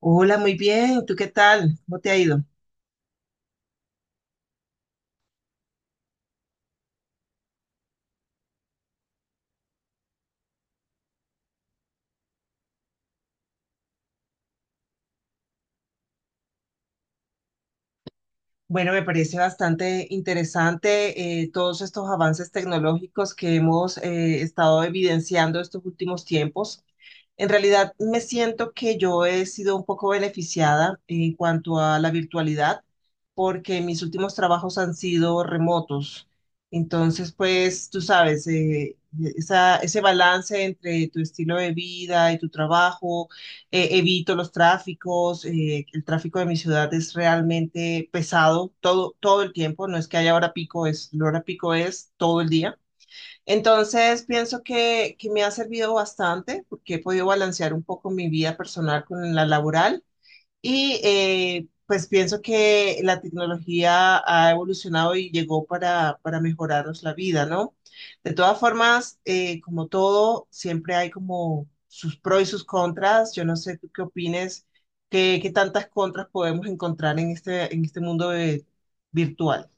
Hola, muy bien. ¿Tú qué tal? ¿Cómo te ha ido? Bueno, me parece bastante interesante todos estos avances tecnológicos que hemos estado evidenciando estos últimos tiempos. En realidad, me siento que yo he sido un poco beneficiada en cuanto a la virtualidad, porque mis últimos trabajos han sido remotos. Entonces, pues, tú sabes, ese balance entre tu estilo de vida y tu trabajo. Evito los tráficos. Eh, el tráfico de mi ciudad es realmente pesado todo el tiempo, no es que haya hora pico, es, la hora pico es todo el día. Entonces, pienso que me ha servido bastante porque he podido balancear un poco mi vida personal con la laboral. Y pues pienso que la tecnología ha evolucionado y llegó para mejorarnos la vida, ¿no? De todas formas, como todo, siempre hay como sus pros y sus contras. Yo no sé tú qué opines, qué tantas contras podemos encontrar en este mundo virtual.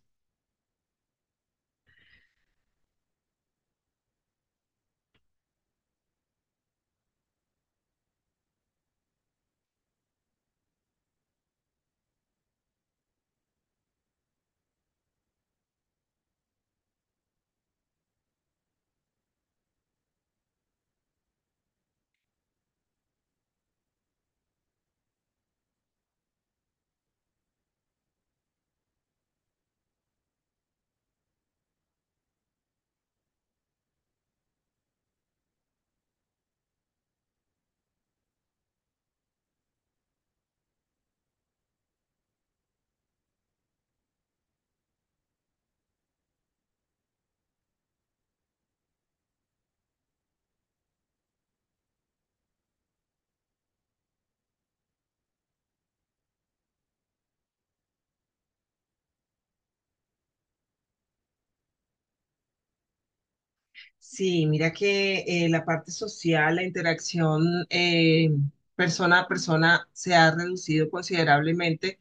Sí, mira que la parte social, la interacción persona a persona se ha reducido considerablemente,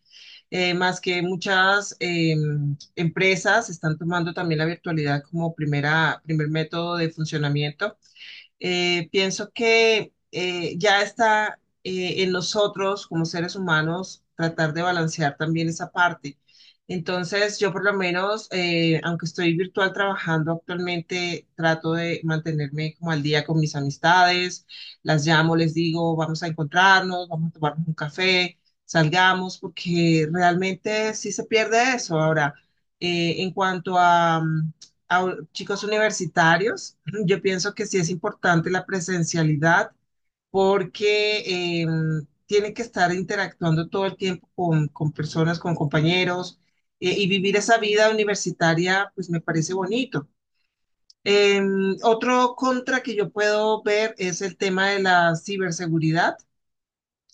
más que muchas empresas están tomando también la virtualidad como primer método de funcionamiento. Pienso que ya está en nosotros como seres humanos tratar de balancear también esa parte. Entonces, yo por lo menos, aunque estoy virtual trabajando actualmente, trato de mantenerme como al día con mis amistades, las llamo, les digo, vamos a encontrarnos, vamos a tomarnos un café, salgamos, porque realmente sí se pierde eso. Ahora, en cuanto a, chicos universitarios, yo pienso que sí es importante la presencialidad porque eh, tienen que estar interactuando todo el tiempo con personas, con compañeros y vivir esa vida universitaria, pues me parece bonito. Eh, Otro contra que yo puedo ver es el tema de la ciberseguridad.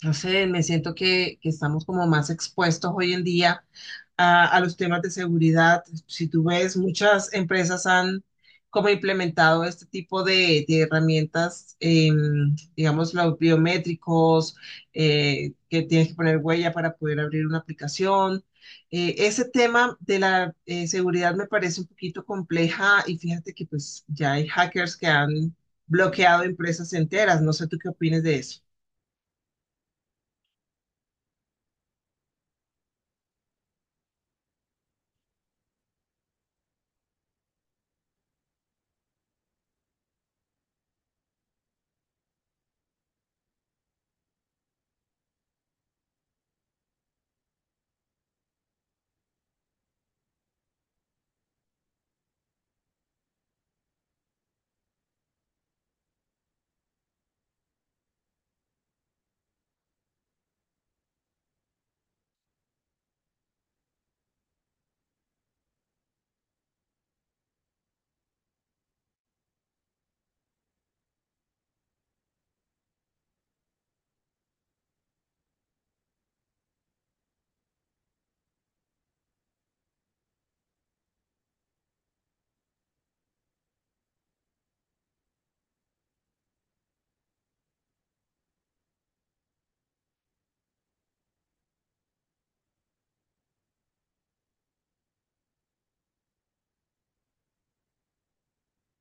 No sé, me siento que estamos como más expuestos hoy en día a los temas de seguridad. Si tú ves, muchas empresas han como implementado este tipo de herramientas. Digamos, los biométricos, que tienes que poner huella para poder abrir una aplicación. Ese tema de la seguridad me parece un poquito compleja y fíjate que pues ya hay hackers que han bloqueado empresas enteras. No sé tú qué opinas de eso.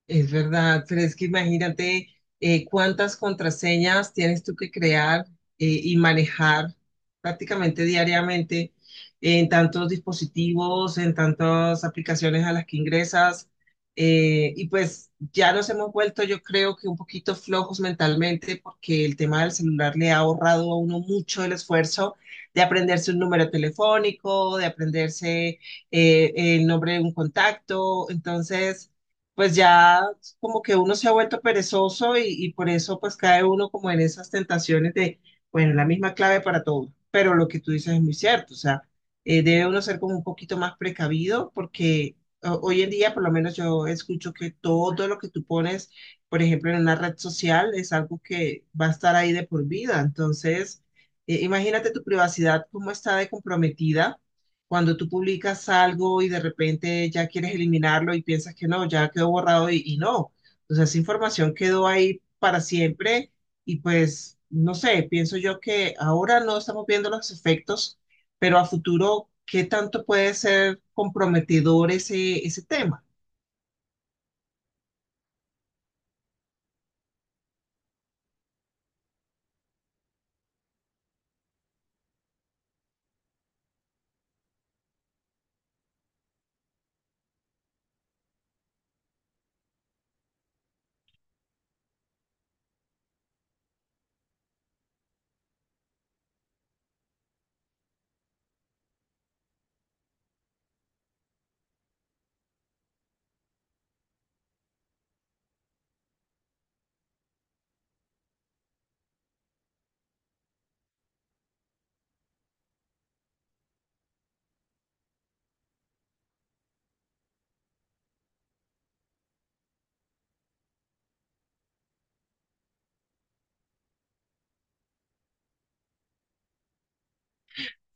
Es verdad, pero es que imagínate cuántas contraseñas tienes tú que crear y manejar prácticamente diariamente en tantos dispositivos, en tantas aplicaciones a las que ingresas. Y pues ya nos hemos vuelto, yo creo que un poquito flojos mentalmente porque el tema del celular le ha ahorrado a uno mucho el esfuerzo de aprenderse un número telefónico, de aprenderse el nombre de un contacto. Entonces pues ya como que uno se ha vuelto perezoso y por eso pues cae uno como en esas tentaciones de, bueno, la misma clave para todo. Pero lo que tú dices es muy cierto. O sea, debe uno ser como un poquito más precavido porque hoy en día por lo menos yo escucho que todo lo que tú pones, por ejemplo, en una red social es algo que va a estar ahí de por vida. Entonces, imagínate tu privacidad, cómo está de comprometida cuando tú publicas algo y de repente ya quieres eliminarlo y piensas que no, ya quedó borrado y no. Entonces esa información quedó ahí para siempre y pues, no sé, pienso yo que ahora no estamos viendo los efectos, pero a futuro, ¿qué tanto puede ser comprometedor ese tema?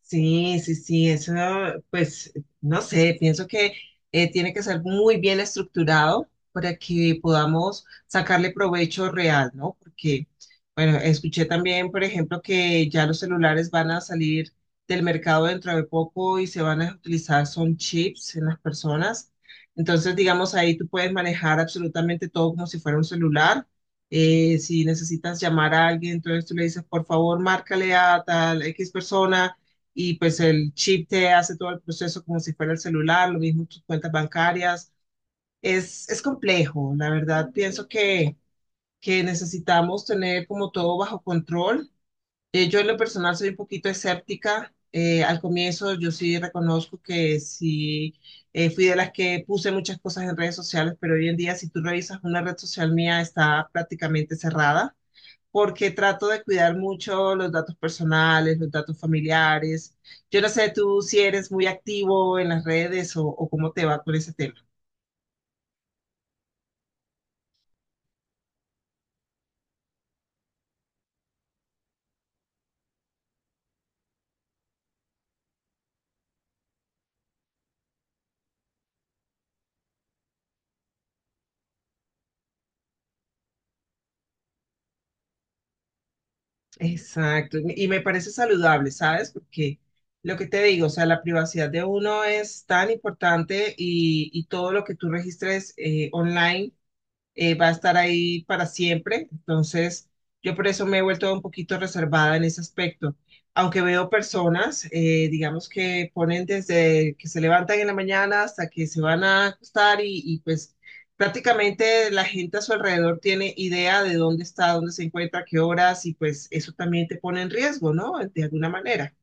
Sí, sí, sí, eso, pues, no sé, pienso que tiene que ser muy bien estructurado para que podamos sacarle provecho real, ¿no? Porque, bueno, escuché también, por ejemplo, que ya los celulares van a salir del mercado dentro de poco y se van a utilizar, son chips en las personas. Entonces, digamos, ahí tú puedes manejar absolutamente todo como si fuera un celular. Si necesitas llamar a alguien, entonces tú le dices, por favor, márcale a tal X persona y pues el chip te hace todo el proceso como si fuera el celular, lo mismo tus cuentas bancarias. Es complejo, la verdad, pienso que necesitamos tener como todo bajo control. Yo en lo personal soy un poquito escéptica. Al comienzo yo sí reconozco que sí fui de las que puse muchas cosas en redes sociales, pero hoy en día si tú revisas una red social mía está prácticamente cerrada porque trato de cuidar mucho los datos personales, los datos familiares. Yo no sé tú si eres muy activo en las redes o cómo te va con ese tema. Exacto, y me parece saludable, ¿sabes? Porque lo que te digo, o sea, la privacidad de uno es tan importante y todo lo que tú registres online. Va a estar ahí para siempre. Entonces, yo por eso me he vuelto un poquito reservada en ese aspecto. Aunque veo personas, digamos que ponen desde que se levantan en la mañana hasta que se van a acostar y pues prácticamente la gente a su alrededor tiene idea de dónde está, dónde se encuentra, qué horas y pues eso también te pone en riesgo, ¿no? De alguna manera.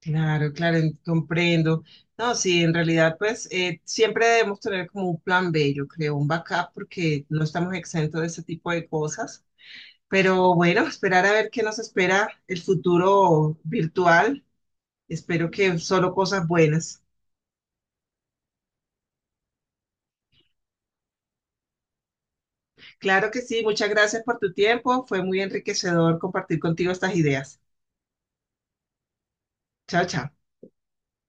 Claro, claro, comprendo. No, sí, en realidad, pues siempre debemos tener como un plan B, yo creo, un backup, porque no estamos exentos de ese tipo de cosas. Pero bueno, esperar a ver qué nos espera el futuro virtual. Espero que solo cosas buenas. Claro que sí, muchas gracias por tu tiempo. Fue muy enriquecedor compartir contigo estas ideas. Chao, chao.